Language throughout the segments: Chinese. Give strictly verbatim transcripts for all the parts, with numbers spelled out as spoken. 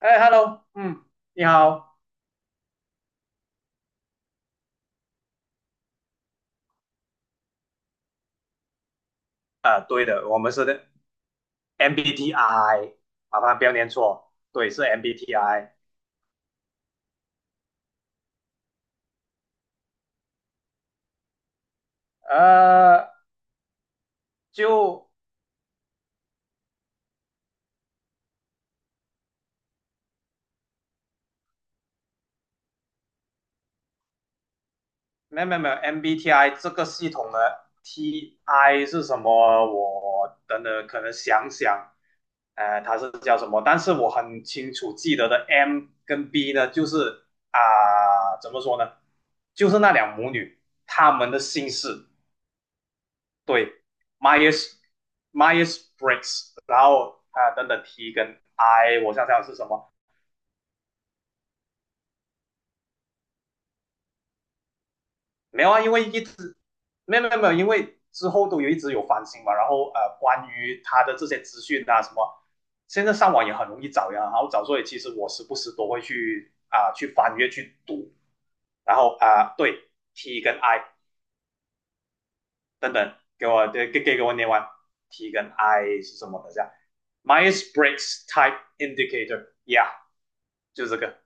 哎，Hello，嗯，你好，啊，对的，我们是的 M B T I，麻烦不要念错，对，是 MBTI，呃，就没有没有没有 MBTI 这个系统的 T I 是什么？我等等可能想想，呃，它是叫什么？但是我很清楚记得的 M 跟 B 呢，就是啊、怎么说呢？就是那两母女她们的姓氏。对，Myers Myers Briggs，然后啊等等 T 跟 I，我想想是什么？没有啊，因为一直没有没有没有，因为之后都有一直有翻新嘛，然后呃关于他的这些资讯啊什么，现在上网也很容易找呀，然后找，所以其实我时不时都会去啊、呃去翻阅去读，然后啊、呃对 T 跟 I 等等，给我给给给我念完 T 跟 I 是什么？等一下，Myers Briggs Type Indicator，yeah，就这个。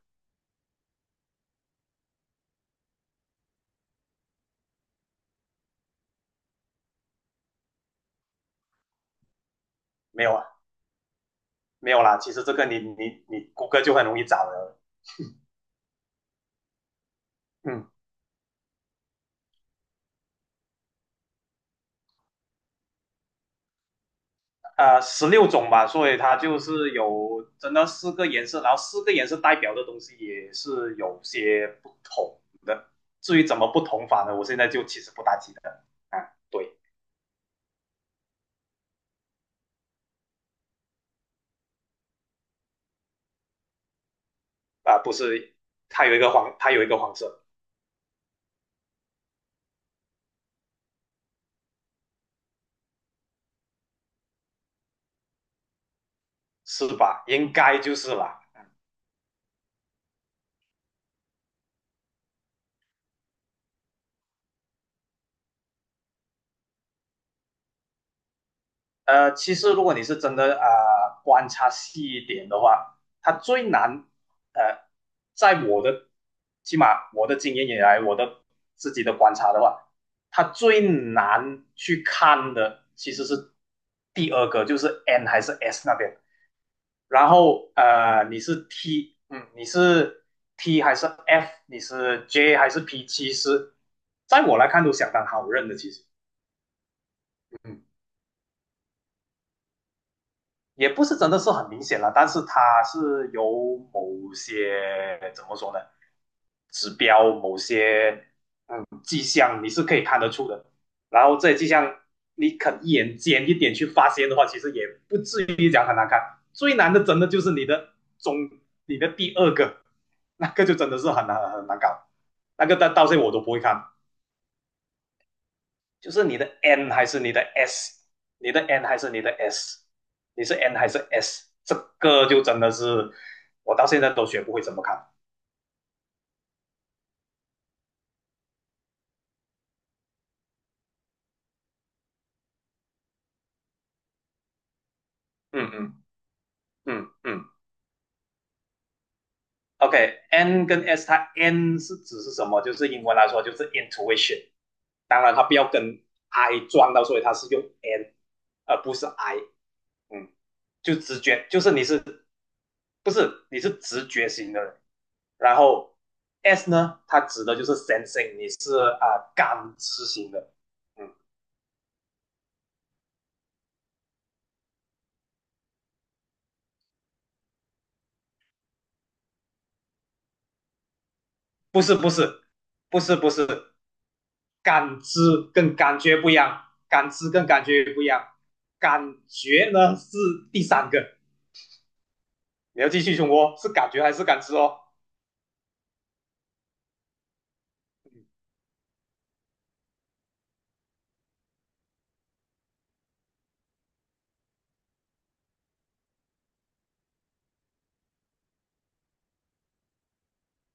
没有啊，没有啦。其实这个你你你谷歌就很容易找了。嗯，呃，十六种吧，所以它就是有真的四个颜色，然后四个颜色代表的东西也是有些不同的。至于怎么不同法呢，我现在就其实不大记得啊。对啊，不是，它有一个黄，它有一个黄色，是吧？应该就是啦。啊呃，其实如果你是真的啊、呃观察细一点的话，它最难呃，在我的起码我的经验以来，我的自己的观察的话，它最难去看的其实是第二个，就是 N 还是 S 那边。然后呃，你是 T，嗯，你是 T 还是 F，你是 J 还是 P，其实在我来看都相当好认的，其实。嗯。也不是真的是很明显了，但是它是有某些怎么说呢，指标、某些迹象你是可以看得出的。然后这些迹象你肯一眼尖一点去发现的话，其实也不至于讲很难看。最难的真的就是你的中，你的第二个，那个就真的是很难很难搞，那个到到现在我都不会看。就是你的 n 还是你的 s，你的 n 还是你的 s，你是 n 还是 s，这个就真的是我到现在都学不会怎么看。嗯嗯嗯嗯，OK，n okay, 跟 s 它 n 是指是什么？就是英文来说就是 intuition，当然它不要跟 i 撞到，所以它是用 n 而不是 i。嗯，就直觉，就是你是不是，你是直觉型的人。然后 S 呢，它指的就是 sensing，你是啊感知型的。嗯，不是不是不是不是，感知跟感觉不一样，感知跟感觉不一样，感觉呢是第三个。你要继续漩哦，是感觉还是感知哦？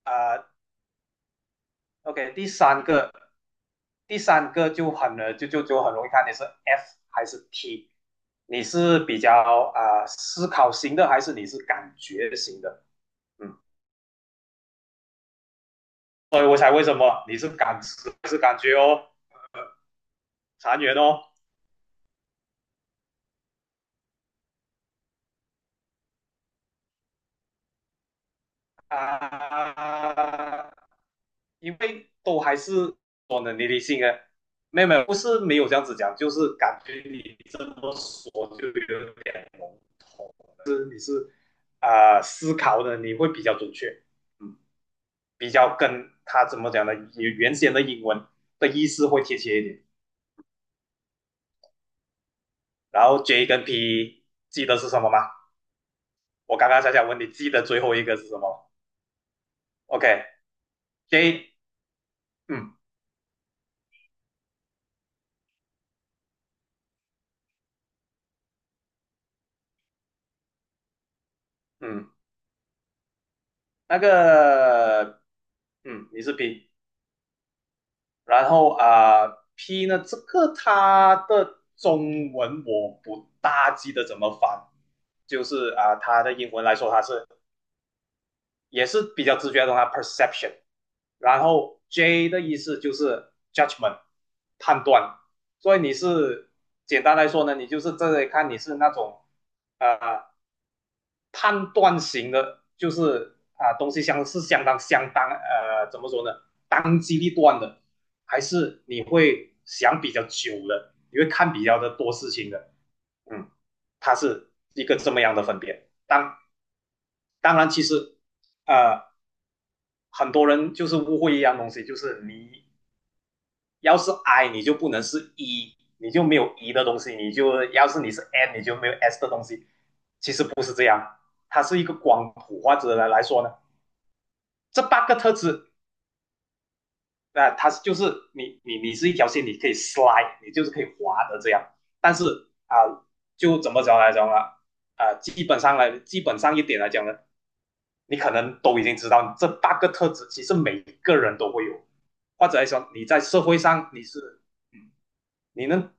啊、o k 第三个第三个就很呃就就就很容易看你是 F 还是 T，你是比较啊、呃思考型的还是你是感觉型的？嗯，所以我才为什么你是感知还是感觉哦，残缘哦啊，因为都还是说呢，你理性啊，没有没有，不是没有这样子讲，就是感觉你这么说就有点笼统啊、呃思考的你会比较准确，嗯，比较跟它怎么讲呢，原原先的英文的意思会贴切一点。然后 J 跟 P 记得是什么吗？我刚刚想想问你，记得最后一个是什么？OK，J，、嗯嗯，那个，嗯，你是 P，然后啊、呃 p 呢，这个它的中文我不大记得怎么翻，就是啊、呃它的英文来说它是也是比较直觉的它 perception。然后 J 的意思就是 judgment，判断。所以你是简单来说呢，你就是这里看你是那种呃判断型的，就是啊、呃东西相是相当相当呃怎么说呢，当机立断的，还是你会想比较久了，你会看比较的多事情的，嗯，它是一个这么样的分别。当当然，其实呃很多人就是误会一样东西，就是你要是 I，你就不能是 E，你就没有 E 的东西，你就要是你是 N，你就没有 S 的东西。其实不是这样，它是一个光谱或者来来说呢，这八个特质啊、呃它就是你你你是一条线，你可以 slide，你就是可以滑的这样。但是啊、呃就怎么讲来讲呢？啊、呃基本上来，基本上一点来讲呢，你可能都已经知道，这八个特质其实每一个人都会有，或者来说你在社会上你是，嗯你能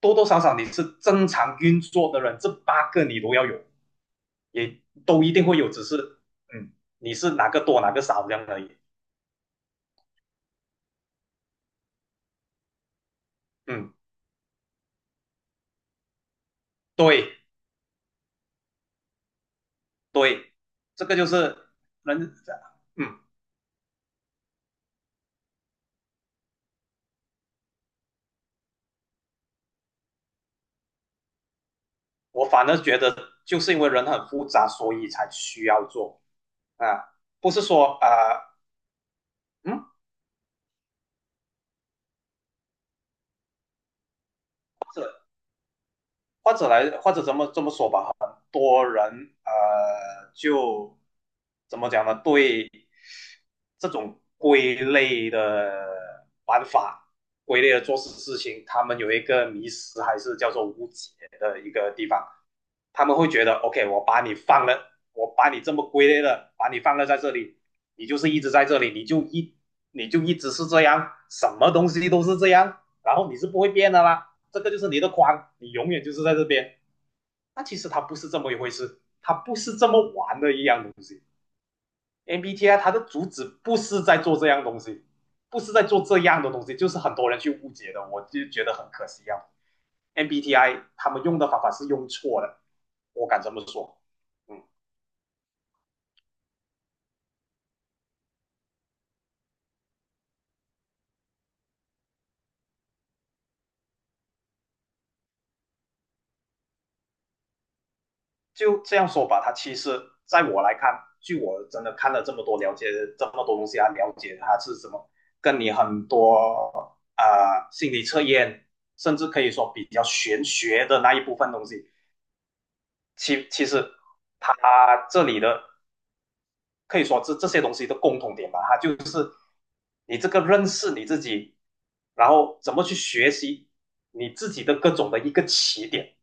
多多少少你是正常运作的人，这八个你都要有，也都一定会有，只是嗯，你是哪个多哪个少这样而已。嗯，对对，这个就是人，嗯，我反而觉得就是因为人很复杂，所以才需要做啊，不是说啊、呃嗯。或者来，或者怎么这么说吧，很多人呃，就怎么讲呢？对这种归类的玩法、归类的做事事情，他们有一个迷失，还是叫做误解的一个地方。他们会觉得，OK，我把你放了，我把你这么归类了，把你放了在这里，你就是一直在这里，你就一你就一直是这样，什么东西都是这样，然后你是不会变的啦。这个就是你的框，你永远就是在这边。那其实它不是这么一回事，它不是这么玩的一样东西。M B T I 它的主旨不是在做这样东西，不是在做这样的东西，就是很多人去误解的，我就觉得很可惜啊。M B T I 他们用的方法是用错的，我敢这么说。嗯，就这样说吧，他其实在我来看，据我真的看了这么多，了解这么多东西，他了解他是什么，跟你很多啊、呃心理测验，甚至可以说比较玄学的那一部分东西，其其实他这里的可以说这这些东西的共同点吧，他就是你这个认识你自己，然后怎么去学习你自己的各种的一个起点，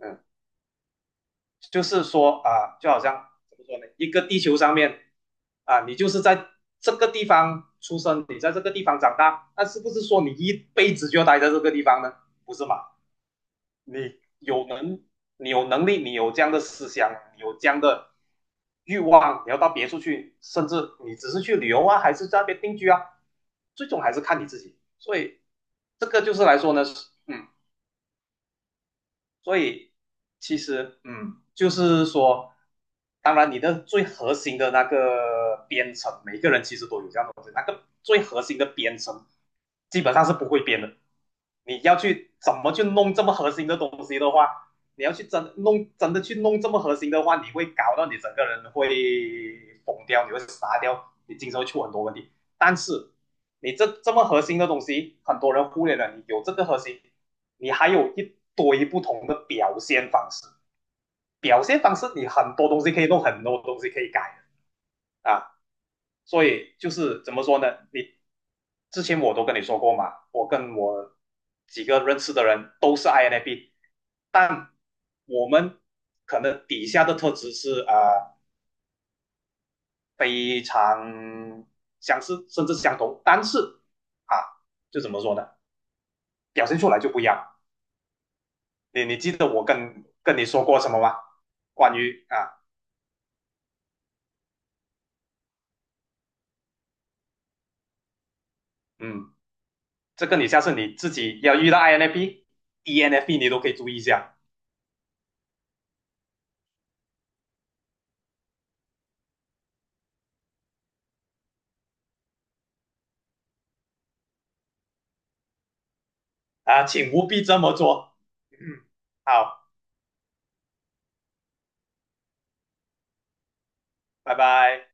嗯。就是说啊，就好像怎么说呢？一个地球上面啊，你就是在这个地方出生，你在这个地方长大，那是不是说你一辈子就要待在这个地方呢？不是嘛？你有能，你有能力，你有这样的思想，你有这样的欲望，你要到别处去，甚至你只是去旅游啊，还是在那边定居啊，最终还是看你自己。所以这个就是来说呢，嗯，所以其实，嗯，就是说，当然你的最核心的那个编程，每个人其实都有这样的东西，那个最核心的编程基本上是不会编的，你要去怎么去弄这么核心的东西的话，你要去真弄真的去弄这么核心的话，你会搞到你整个人会疯掉，你会傻掉，你经常会出很多问题。但是你这这么核心的东西，很多人忽略了。你有这个核心，你还有一堆不同的表现方式，表现方式你很多东西可以弄，很多东西可以改的啊。所以就是怎么说呢？你之前我都跟你说过嘛，我跟我几个认识的人都是 I N F P，但我们可能底下的特质是啊、呃非常相似，甚至相同，但是啊，就怎么说呢，表现出来就不一样。你你记得我跟跟你说过什么吗？关于啊，嗯，这个你下次你自己要遇到 I N F P、E N F P 你都可以注意一下啊，请务必这么做。嗯，好，拜拜。